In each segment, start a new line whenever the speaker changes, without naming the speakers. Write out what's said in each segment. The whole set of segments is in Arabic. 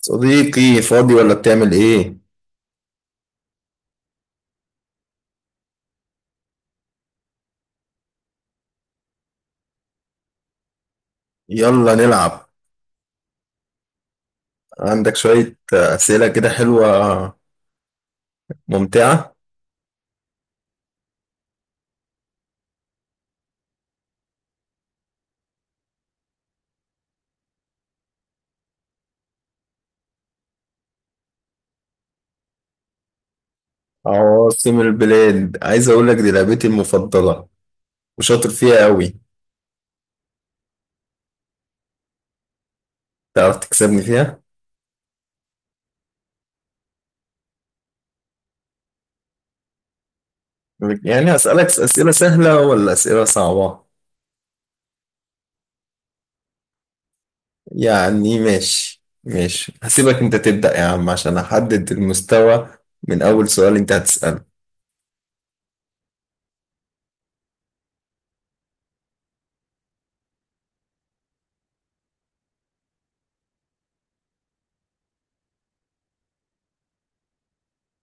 صديقي فاضي ولا بتعمل ايه؟ يلا نلعب. عندك شوية أسئلة كده حلوة، ممتعة. عواصم البلاد؟ عايز أقولك دي لعبتي المفضلة وشاطر فيها قوي. تعرف تكسبني فيها؟ يعني هسألك أسئلة سهلة ولا أسئلة صعبة؟ يعني ماشي، هسيبك أنت تبدأ يا عم عشان أحدد المستوى من أول سؤال أنت هتسأله.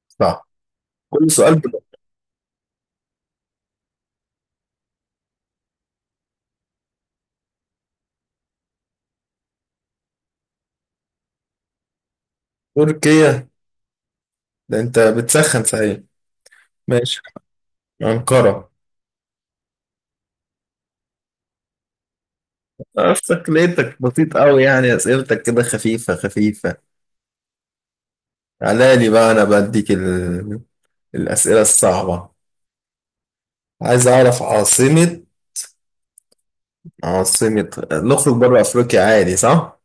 صح، كل سؤال بدأ. تركيا؟ ده أنت بتسخن صحيح. ماشي، أنقرة. عرفتك، لقيتك بسيط قوي، يعني اسئلتك كده خفيفة خفيفة. على لي بقى، انا بديك الاسئلة الصعبة. عايز اعرف عاصمة، عاصمة، نخرج بره افريقيا عادي صح؟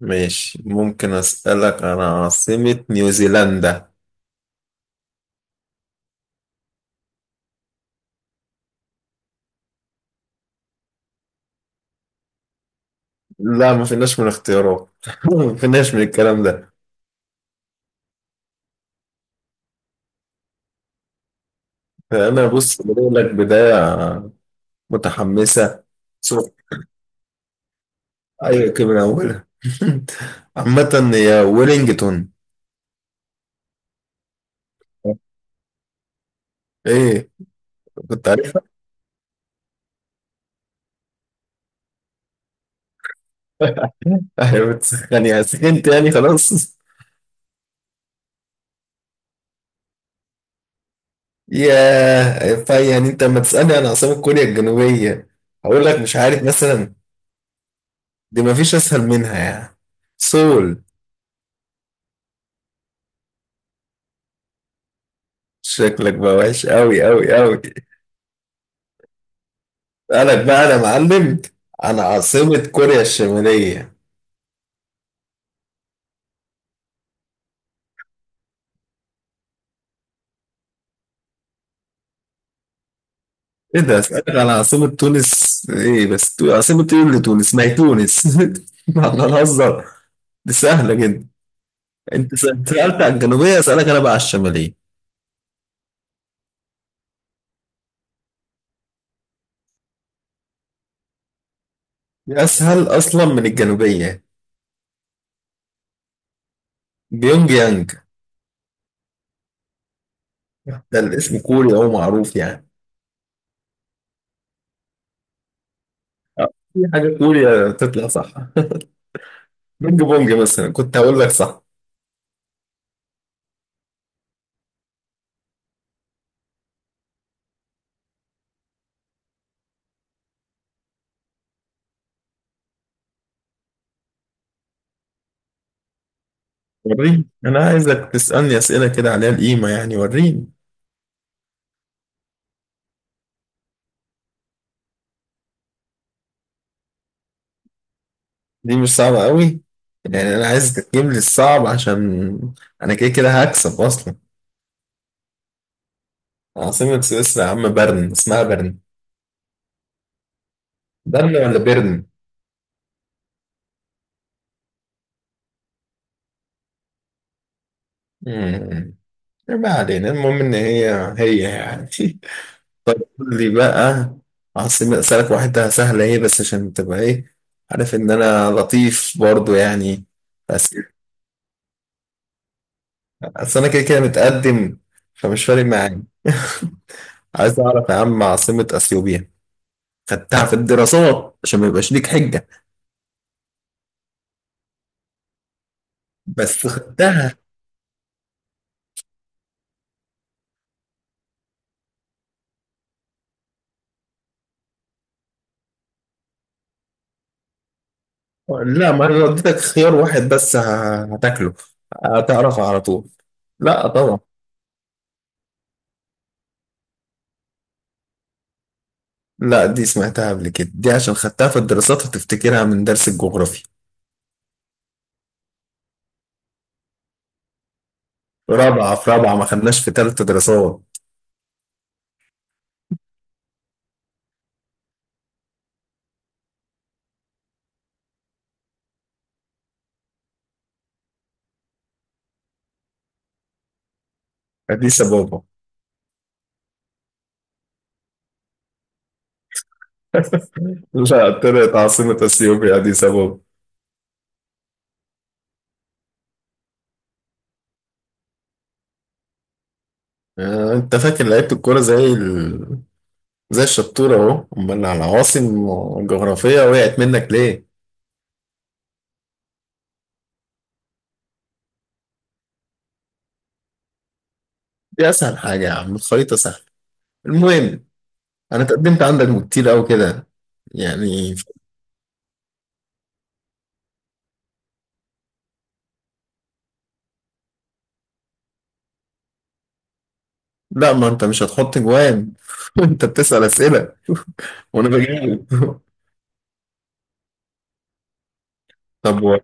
ماشي، ممكن اسألك انا عاصمة نيوزيلندا. لا ما فيناش من اختيارات ما فيناش من الكلام ده. انا بص بقول لك بداية متحمسة. صوت! ايوه كده من اولها. عامة هي ويلينجتون. ايه، كنت عارفها. ايوه بتسخني، سخنت يعني خلاص. ياه، فا يعني انت لما تسألني عن عاصمة كوريا الجنوبية هقول لك مش عارف مثلا؟ دي مفيش اسهل منها يعني. سول. شكلك بقى وحش قوي قوي قوي. اسألك بقى انا معلم عن عاصمة كوريا الشمالية. ايه ده؟ اسألك عن عاصمة تونس؟ ايه بس عاصمة ايه اللي تونس؟ ما هي تونس. احنا نهزر، دي سهلة جدا. انت سألت عن الجنوبية، اسألك انا بقى على الشمالية. أسهل أصلا من الجنوبية. بيونج يانج. ده الاسم كوري أو معروف يعني. أه، أي حاجة كوريا تطلع صح. بينج بونج مثلا كنت هقول لك صح. وريني أنا، عايزك تسألني أسئلة كده عليها القيمة يعني، وريني. دي مش صعبة قوي. يعني أنا عايزك تجيب لي الصعب عشان أنا كده كده هكسب أصلا. عاصمة سويسرا يا عم برن، اسمها برن. برن ولا بيرن؟ امم ما علينا، المهم إن هي هي يعني. طيب قول لي بقى عاصمة، أسألك واحدة سهلة ايه بس عشان تبقى ايه، عارف إن أنا لطيف برضو يعني. بس أصل أنا كده كده متقدم، فمش فارق معايا. عايز أعرف يا عم عاصمة أثيوبيا. خدتها في الدراسات عشان ما يبقاش ليك حجة. بس خدتها. لا ما أنا لو اديتك خيار واحد بس هتاكله، هتعرفها على طول. لا طبعا. لا دي سمعتها قبل كده، دي عشان خدتها في الدراسات وتفتكرها من درس الجغرافيا. في رابعة، في رابعة، ما خدناش في تالتة دراسات. أديس أبابا. لا طلعت عاصمة أثيوبيا أديس أبابا. آه، أنت فاكر لعيبة الكورة زي زي الشطورة أهو، أمال العواصم الجغرافية وقعت منك ليه؟ دي أسهل حاجة يا عم، الخريطة سهلة. المهم، أنا تقدمت عندك كتير أوي كده يعني. لا ما أنت مش هتحط جوان. أنت بتسأل أسئلة وأنا بجاوب. طب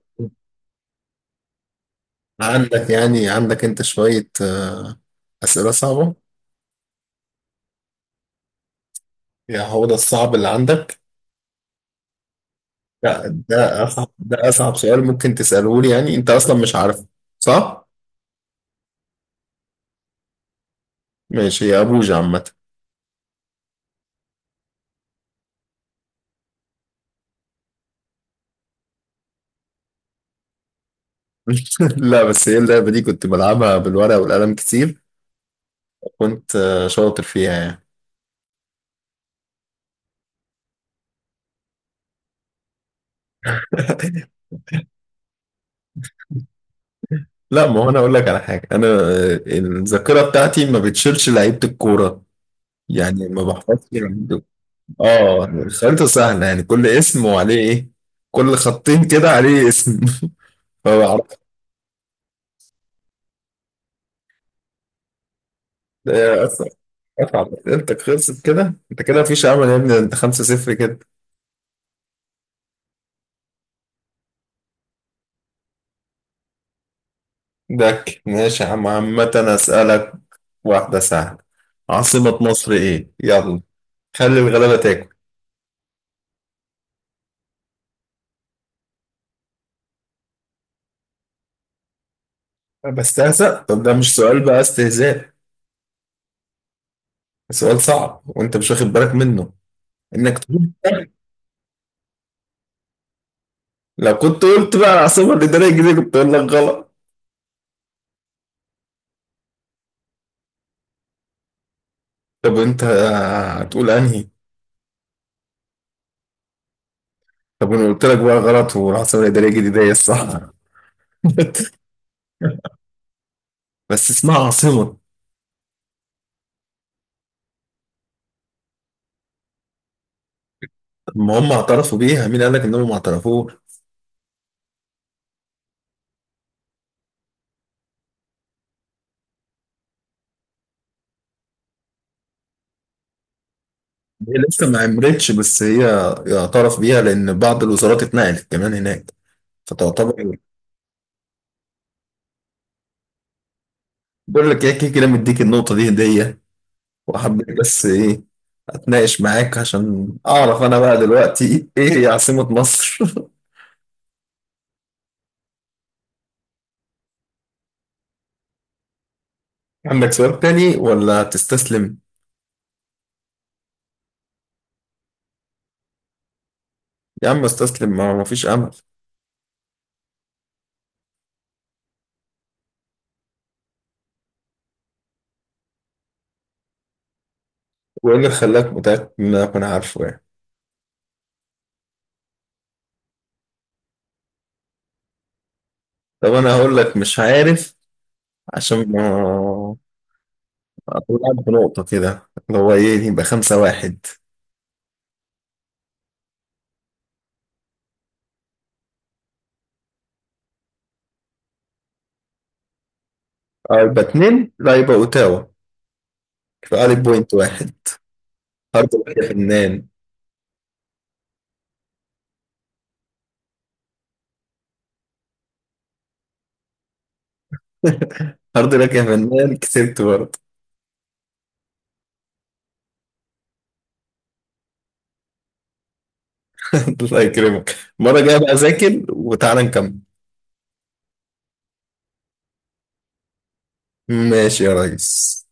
عندك يعني، عندك أنت شوية أسئلة صعبة؟ يعني هو ده الصعب اللي عندك؟ لا ده أصعب، ده أصعب سؤال ممكن تسأله لي، يعني أنت أصلا مش عارفه صح؟ ماشي يا أبوجة. عامة، لا بس هي اللعبة دي كنت بلعبها بالورقة والقلم كتير. كنت شاطر فيها يعني. لا ما هو أنا أقول لك على حاجة، أنا الذاكرة بتاعتي ما بتشيلش لعيبة الكورة. يعني ما بحفظش لعيبة. آه الخريطة سهلة يعني، كل اسم وعليه إيه، كل خطين كده عليه اسم. فبعرف. اتعب، اسئلتك خلصت كده، انت كده مفيش امل يا ابني، انت 5-0 كده. دك، ماشي يا عم. عامة اسألك واحدة سهلة، عاصمة مصر ايه؟ يلا، خلي الغلابة تاكل. بس هسأل، طب ده مش سؤال بقى، استهزاء ده سؤال صعب وانت مش واخد بالك منه، انك تقول سهل. لو كنت قلت بقى العاصمة الإدارية الجديدة كنت اقول لك غلط. طب انت هتقول انهي؟ طب انا قلت لك بقى غلط، والعاصمة الإدارية الجديدة هي الصح. بس اسمها عاصمة. ما هم اعترفوا بيها، مين قال لك انهم ما اعترفوش؟ هي لسه ما عملتش بس هي يعترف بيها لان بعض الوزارات اتنقلت كمان هناك، فتعتبر. بقول لك ايه، كده كده مديك النقطه دي هديه، وحبيت بس ايه، اتناقش معاك عشان اعرف انا بقى دلوقتي ايه هي عاصمه مصر. عندك سؤال تاني ولا تستسلم؟ يا عم استسلم، ما ما فيش امل. وايه اللي خلاك متاكد ان انا اكون عارفه يعني؟ طب انا هقول لك مش عارف، عشان ما طلعت بنقطة كده، اللي هو ايه يبقى 5-1. اه يبقى اتنين، لا يبقى اوتاوا، يبقى عليك بوينت واحد. هارد لك يا فنان. هارد لك يا فنان، كسبت برضه. الله يكرمك، المرة الجاية بقى أذاكر وتعالى نكمل. ماشي يا ريس.